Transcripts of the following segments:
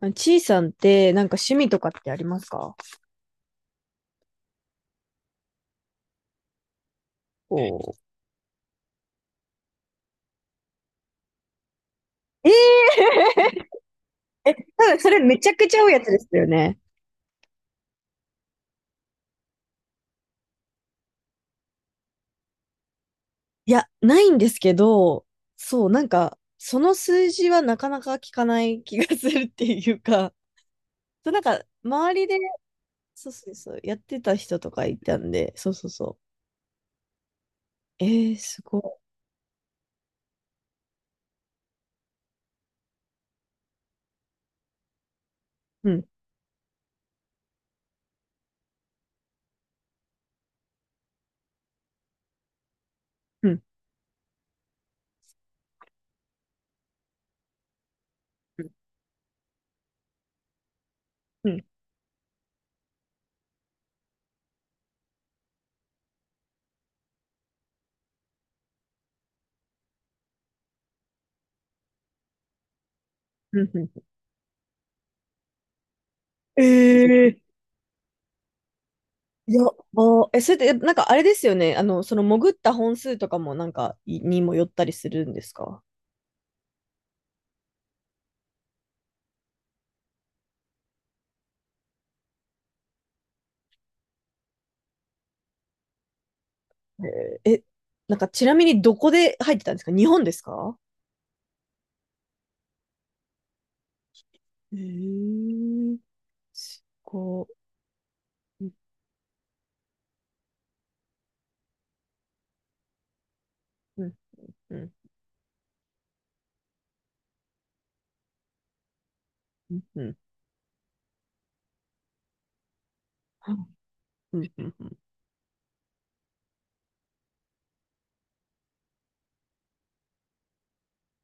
あちいさんってなんか趣味とかってありますか？こうええ多分それめちゃくちゃ多いやつですよね。いや、ないんですけど、そう、なんか、その数字はなかなか聞かない気がするっていうか、そう、なんか、周りで、そうそうそう、やってた人とかいたんで、そうそうそう。えー、すごい。うん、うん、うん、うん、うんうんうんうんうん。ええー、い や、あ、え、それって、なんかあれですよね。その潜った本数とかもなんかいにもよったりするんですか？えー、え、なんかちなみにどこで入ってたんですか？日本ですか？えー、すごい。うんうんうんうんうんうんうん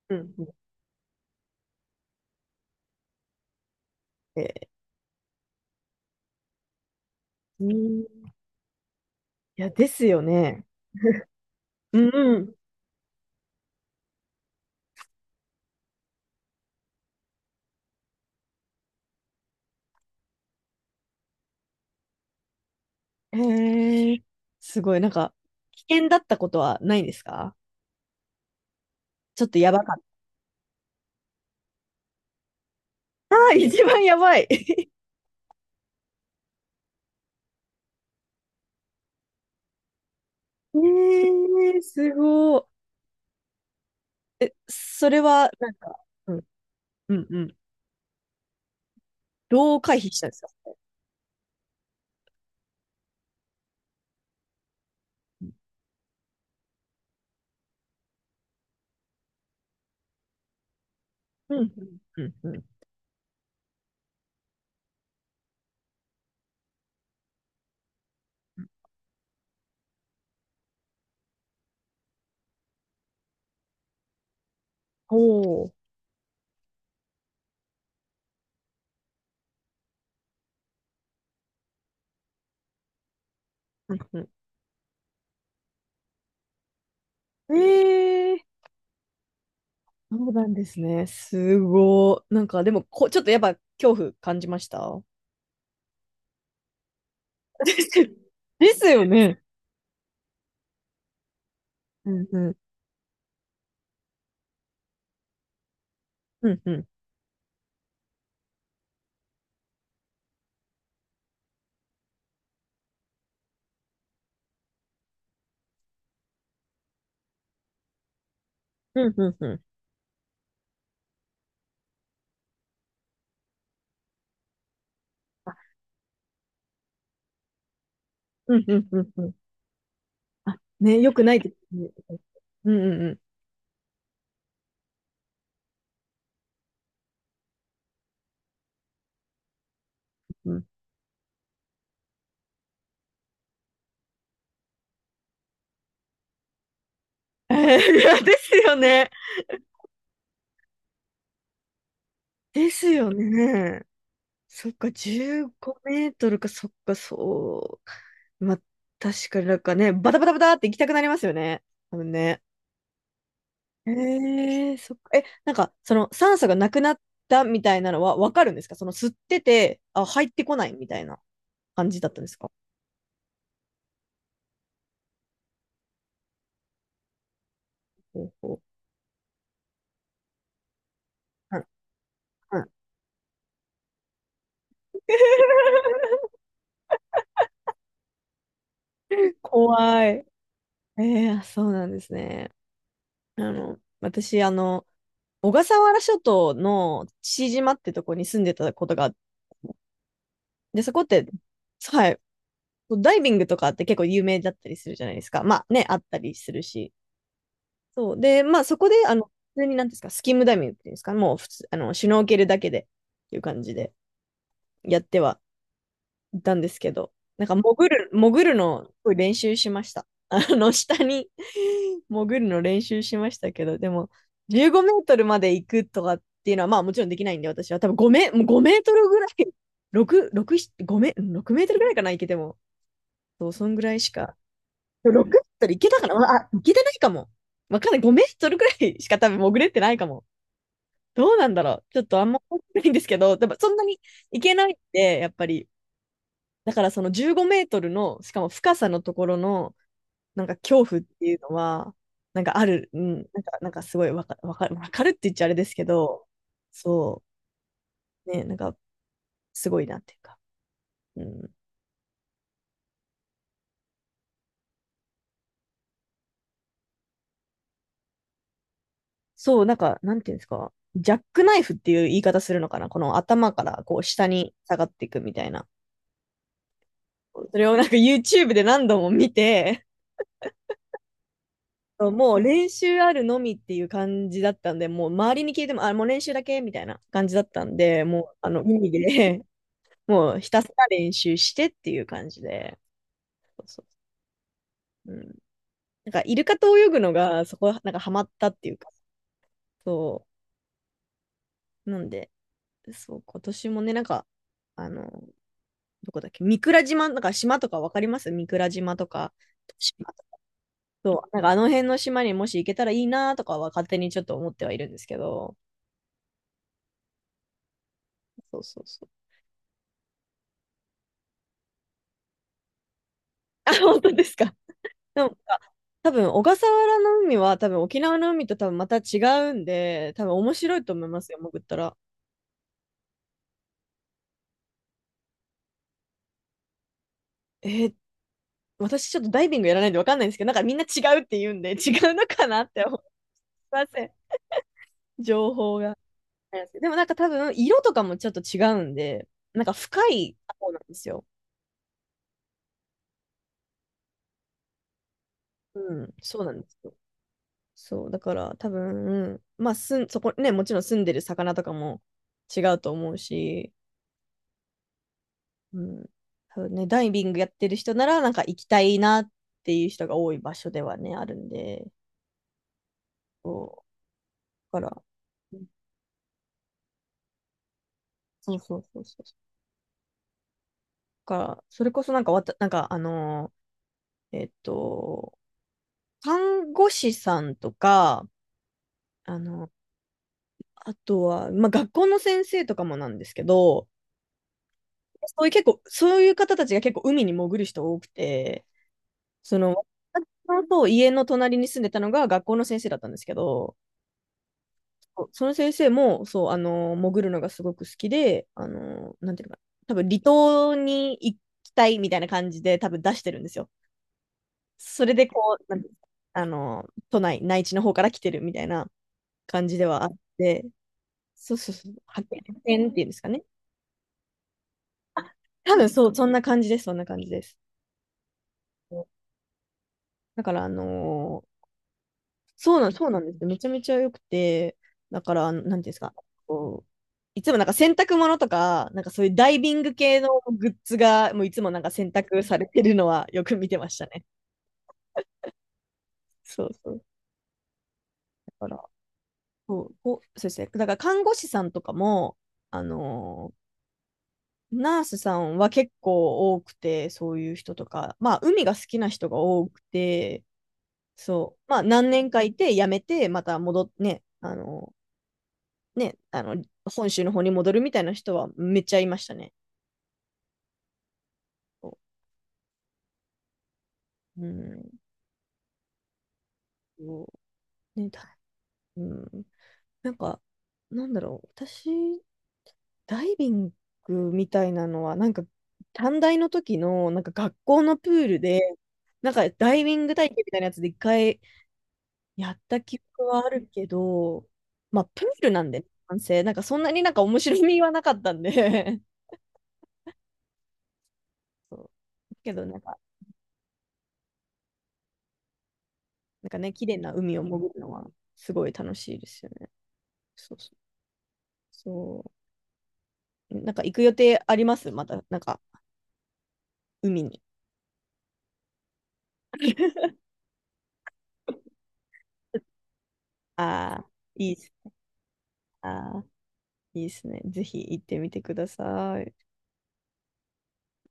うんうん。えー、うん、いや、ですよね。うんうん。へえ、すごい。なんか、危険だったことはないですか？ちょっとやばかった。ああ、一番やばい。え、え、すごい。それは、なんか、うんうんうん。どう回避したんですか？うんうんうんうん。おお。ええ、そうなんですね。すごい。なんか、でもこ、ちょっとやっぱ恐怖感じました？ ですよ、 ですよね。うんうん。うんうん。うんうんうん。あ、うんうんうんうん。あ、ね、よくないですね。うんうんうん。うん、えー、いやですよね。ですよね。そっか、15メートルか、そっか、そう。まあ、確かになんかね、バタバタバタって行きたくなりますよね。多分ね。へえー、そっか。なんか、その酸素がなくなったみたいなのはわかるんですか？その吸ってて、あ、入ってこないみたいな感じだったんですか？ほうほう、んうん、怖い。えー、あ、そうなんですね。私、小笠原諸島の父島ってとこに住んでたことがあって、で、そこって、はい、ダイビングとかって結構有名だったりするじゃないですか。まあね、あったりするし。そう。で、まあそこで、普通になんですか、スキムダイビングっていうんですか、もう普通、シュノーケルだけでっていう感じでやってはいたんですけど、潜るのすごい練習しました。下に 潜るの練習しましたけど、でも、15メートルまで行くとかっていうのは、まあもちろんできないんで、私は多分5メ、もうごメートルぐらい、6、6、6メートルぐらいかな、行けても。そう、そんぐらいしか6メートル行けたかな、あ、行けてないかも。わかんない。5メートルくらいしか多分潜れてないかも。どうなんだろう。ちょっとあんま覚えてないんですけど、でもそんなに行けないって、やっぱり。だからその15メートルの、しかも深さのところの、なんか恐怖っていうのは、なんかある、うん、なんか、なんかすごいわか、わかる、わかるって言っちゃあれですけど、そう、ね、なんかすごいなっていうか。うん、そう、なんか、なんていうんですか。ジャックナイフっていう言い方するのかな、この頭からこう下に下がっていくみたいな。それをなんか YouTube で何度も見て、もう練習あるのみっていう感じだったんで、もう周りに聞いても、あ、もう練習だけみたいな感じだったんで、もうあの海で もうひたすら練習してっていう感じで、そうそう、うん、なんかイルカと泳ぐのがそこなんかハマったっていうか、そう、なんで、そう、今年もね、なんか、あの、どこだっけ、三倉島、なんか島とかわかります？三倉島とか、そう、なんかあの辺の島にもし行けたらいいなとかは勝手にちょっと思ってはいるんですけど。そうそうそう。あ、本当ですか。でも、あ、多分小笠原の海は多分沖縄の海と多分また違うんで、多分面白いと思いますよ、潜ったら。えー、私ちょっとダイビングやらないんでわかんないんですけど、なんかみんな違うって言うんで、違うのかなって思いません。情報が。でもなんか多分色とかもちょっと違うんで、なんか深い方なんですよ。うん、そうなんです。そう、だから多分、まあ、すん、そこね、もちろん住んでる魚とかも違うと思うし、うん、多分ね、ダイビングやってる人なら、なんか行きたいなっていう人が多い場所ではね、あるんで、そう、だから、うん、そうそうそうそう。だから、それこそなんかわた、なんか、ー、えっと、看護師さんとか、あの、あとは、まあ、学校の先生とかもなんですけど、そういう結構、そういう方たちが結構海に潜る人多くて、その、私と家の隣に住んでたのが学校の先生だったんですけど、そうその先生も、そう、潜るのがすごく好きで、なんていうのかな、多分離島に行きたいみたいな感じで多分出してるんですよ。それでこう、なんていうの？内地の方から来てるみたいな感じではあって、そうそうそう、派遣っていうんですかね。多分そう、そんな感じです、そんな感じです。だから、ーそうなん、そうなんですよ。めちゃめちゃ良くて、だから、なんていうんですか、こう、いつもなんか洗濯物とか、なんかそういうダイビング系のグッズが、もういつもなんか洗濯されてるのはよく見てましたね。そうそう。だから、こうそうですね。だから看護師さんとかも、あのーナースさんは結構多くて、そういう人とか、まあ、海が好きな人が多くて、そう、まあ、何年かいて、辞めて、また戻ってね、ね、本州の方に戻るみたいな人はめっちゃいましたね。うん。うね、だ、うん。なんか、なんだろう、私、ダイビングみたいなのは、なんか、短大の時の、なんか学校のプールで、なんかダイビング体験みたいなやつで一回やった記憶はあるけど、まあ、プールなんでね、男性、なんかそんなになんか面白みはなかったんで そう。けど、なんか、なんかね、綺麗な海を潜るのはすごい楽しいですよね。そうそうそう。なんか行く予定あります？また、なんか、海に。ああ、いいっす。ああ、いいですね。ぜひ行ってみてください。